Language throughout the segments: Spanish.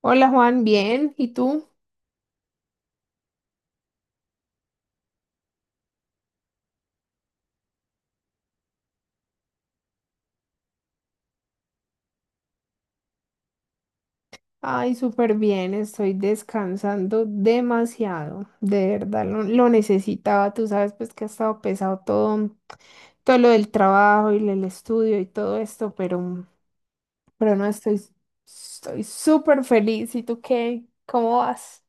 Hola Juan, bien. ¿Y tú? Ay, súper bien. Estoy descansando demasiado. De verdad, lo necesitaba. Tú sabes, pues que ha estado pesado todo, todo lo del trabajo y el estudio y todo esto, pero no estoy, estoy súper feliz. ¿Y tú qué? ¿Cómo vas?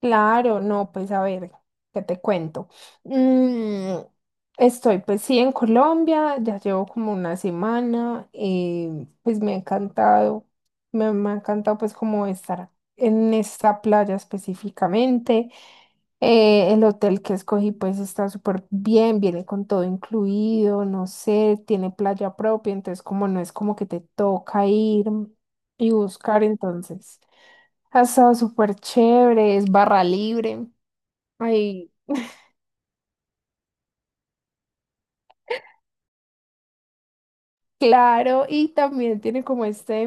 Claro, no, pues a ver, ¿qué te cuento? Mm, estoy pues sí en Colombia, ya llevo como una semana, pues me ha encantado, me ha encantado pues como estar en esta playa específicamente. El hotel que escogí pues está súper bien, viene con todo incluido, no sé, tiene playa propia, entonces como no es como que te toca ir y buscar entonces. Ha estado súper chévere, es barra libre. Ay, claro, y también tiene como este,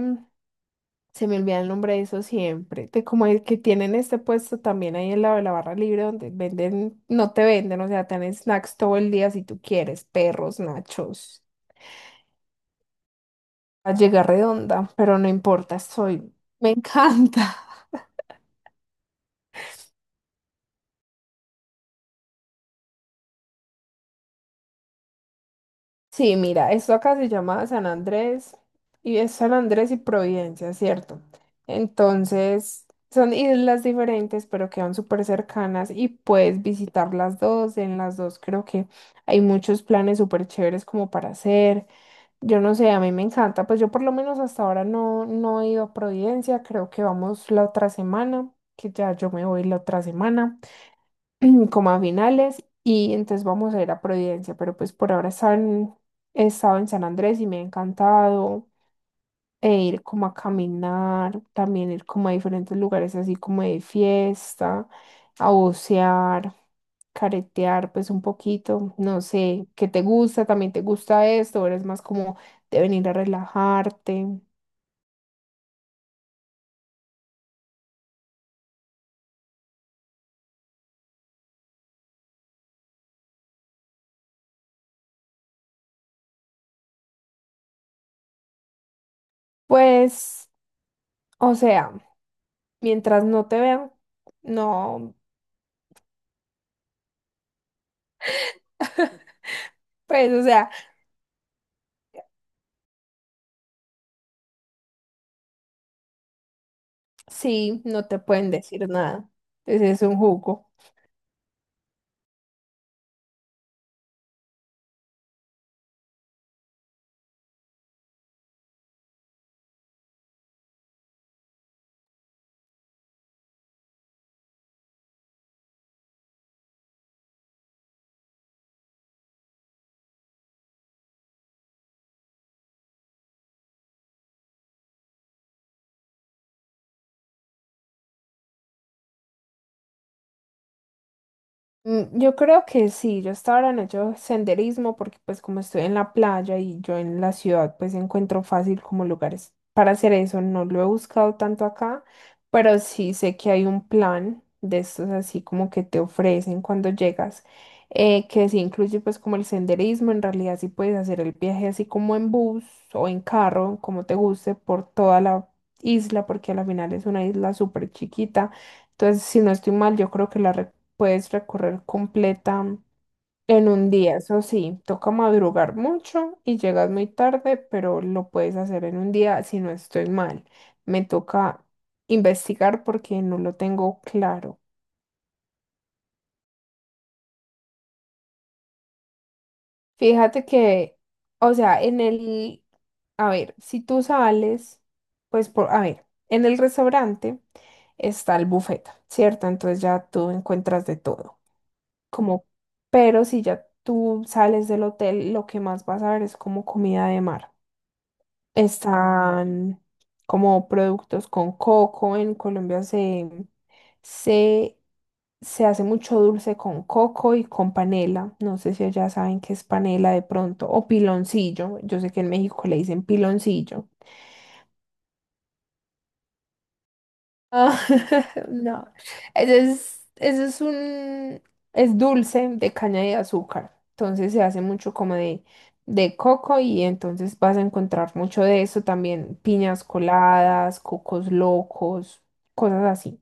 se me olvida el nombre de eso siempre, de como el que tienen este puesto también ahí al lado de la barra libre donde venden, no te venden, o sea, tienen snacks todo el día si tú quieres, perros, nachos, a llegar redonda, pero no importa, soy, me encanta. Sí, mira, esto acá se llama San Andrés y es San Andrés y Providencia, ¿cierto? Entonces, son islas diferentes, pero quedan súper cercanas y puedes visitar las dos. En las dos creo que hay muchos planes súper chéveres como para hacer. Yo no sé, a mí me encanta, pues yo por lo menos hasta ahora no he ido a Providencia, creo que vamos la otra semana, que ya yo me voy la otra semana. Como a finales y entonces vamos a ir a Providencia, pero pues por ahora están, he estado en San Andrés y me ha encantado e ir como a caminar, también ir como a diferentes lugares así como de fiesta, a bucear, caretear pues un poquito, no sé, ¿qué te gusta? ¿También te gusta esto? ¿O eres más como de venir a relajarte? Pues, o sea, mientras no te vean, no, pues, o sea... Sí, no te pueden decir nada. Entonces es un jugo. Yo creo que sí, yo hasta ahora no he hecho senderismo porque pues como estoy en la playa y yo en la ciudad pues encuentro fácil como lugares para hacer eso, no lo he buscado tanto acá, pero sí sé que hay un plan de estos así como que te ofrecen cuando llegas, que sí incluye pues como el senderismo, en realidad sí puedes hacer el viaje así como en bus o en carro, como te guste, por toda la isla porque a la final es una isla súper chiquita. Entonces, si no estoy mal, yo creo que la puedes recorrer completa en un día. Eso sí, toca madrugar mucho y llegas muy tarde, pero lo puedes hacer en un día si no estoy mal. Me toca investigar porque no lo tengo claro. Fíjate que, o sea, en el, a ver, si tú sales, pues por, a ver, en el restaurante está el buffet, ¿cierto? Entonces ya tú encuentras de todo. Como, pero si ya tú sales del hotel, lo que más vas a ver es como comida de mar. Están como productos con coco. En Colombia se, se hace mucho dulce con coco y con panela. No sé si ya saben qué es panela de pronto. O piloncillo. Yo sé que en México le dicen piloncillo. Ah, no, eso es un, es dulce de caña de azúcar, entonces se hace mucho como de coco y entonces vas a encontrar mucho de eso también, piñas coladas, cocos locos, cosas así.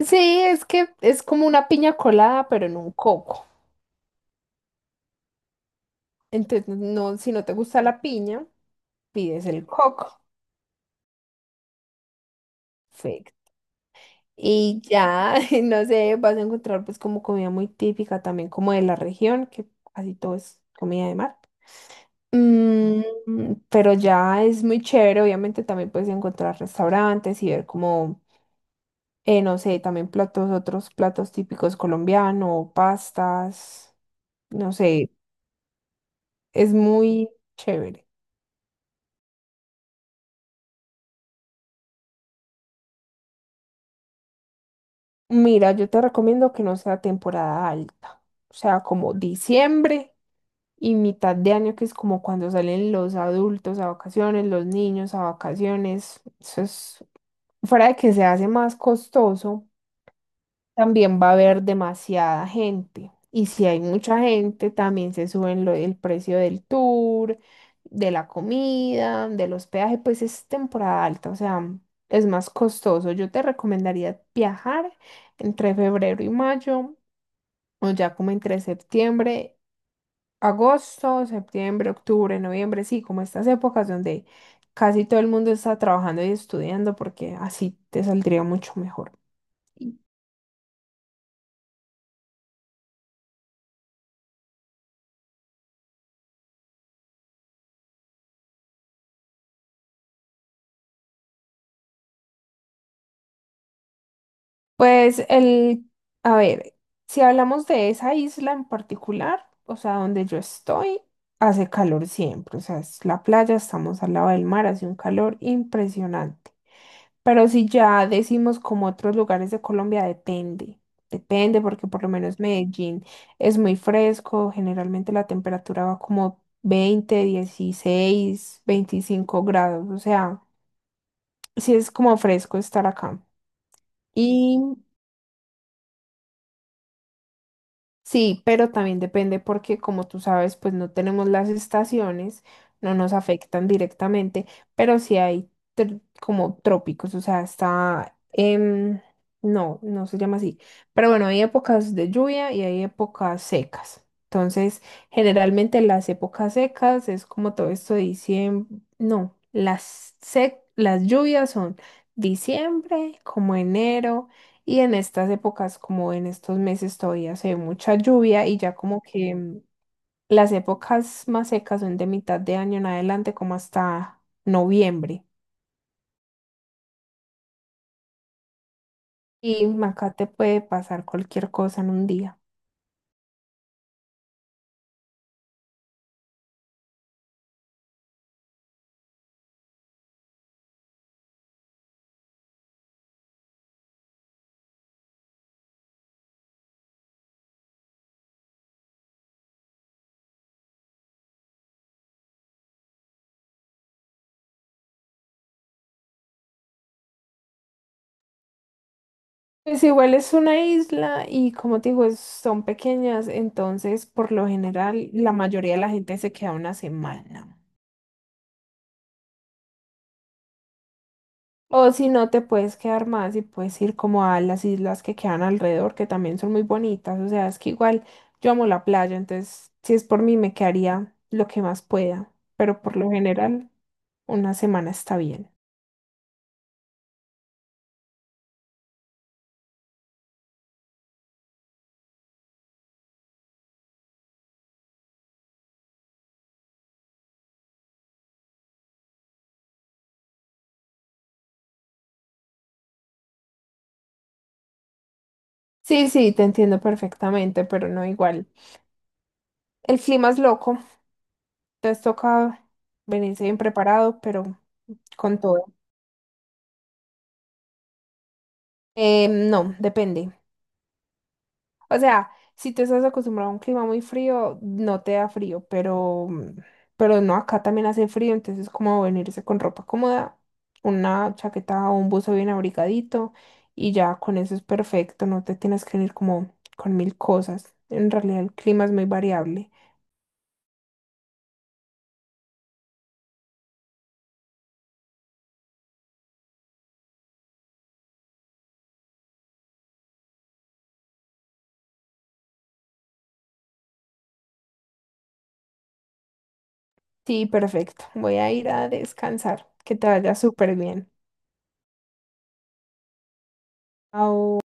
Sí, es que es como una piña colada, pero en un coco. Entonces, no, si no te gusta la piña, pides el coco. Sí. Y ya, no sé, vas a encontrar pues como comida muy típica también como de la región, que casi todo es comida de mar. Mm, pero ya es muy chévere, obviamente también puedes encontrar restaurantes y ver como, no sé, también platos, otros platos típicos colombianos, pastas, no sé, es muy chévere. Mira, yo te recomiendo que no sea temporada alta, o sea, como diciembre y mitad de año, que es como cuando salen los adultos a vacaciones, los niños a vacaciones. Eso es, fuera de que se hace más costoso, también va a haber demasiada gente. Y si hay mucha gente, también se suben el precio del tour, de la comida, del hospedaje, pues es temporada alta, o sea, es más costoso. Yo te recomendaría viajar entre febrero y mayo o ya como entre septiembre, agosto, septiembre, octubre, noviembre, sí, como estas épocas donde casi todo el mundo está trabajando y estudiando porque así te saldría mucho mejor. Pues el, a ver, si hablamos de esa isla en particular, o sea, donde yo estoy, hace calor siempre, o sea, es la playa, estamos al lado del mar, hace un calor impresionante. Pero si ya decimos como otros lugares de Colombia, depende. Depende porque por lo menos Medellín es muy fresco, generalmente la temperatura va como 20 16 25 grados, o sea, sí es como fresco estar acá. Sí, pero también depende porque, como tú sabes, pues no tenemos las estaciones, no nos afectan directamente, pero sí hay como trópicos, o sea, está, no, no se llama así, pero bueno, hay épocas de lluvia y hay épocas secas. Entonces, generalmente las épocas secas es como todo esto de diciembre, no, las lluvias son diciembre, como enero. Y en estas épocas, como en estos meses, todavía se ve mucha lluvia y ya como que. Las épocas más secas son de mitad de año en adelante, como hasta noviembre. Y acá te puede pasar cualquier cosa en un día. Pues igual es una isla y como te digo, son pequeñas, entonces por lo general la mayoría de la gente se queda una semana. O si no, te puedes quedar más y puedes ir como a las islas que quedan alrededor, que también son muy bonitas. O sea, es que igual yo amo la playa, entonces si es por mí me quedaría lo que más pueda, pero por lo general una semana está bien. Sí, sí, te entiendo perfectamente, pero no igual. El clima es loco, entonces toca venirse bien preparado, pero con todo. No, depende. O sea, si tú estás acostumbrado a un clima muy frío, no te da frío, pero, pero no, acá también hace frío, entonces es como venirse con ropa cómoda, una chaqueta o un buzo bien abrigadito y ya con eso es perfecto, no te tienes que venir como con mil cosas. En realidad el clima es muy variable. Sí, perfecto. Voy a ir a descansar. Que te vaya súper bien. Chao.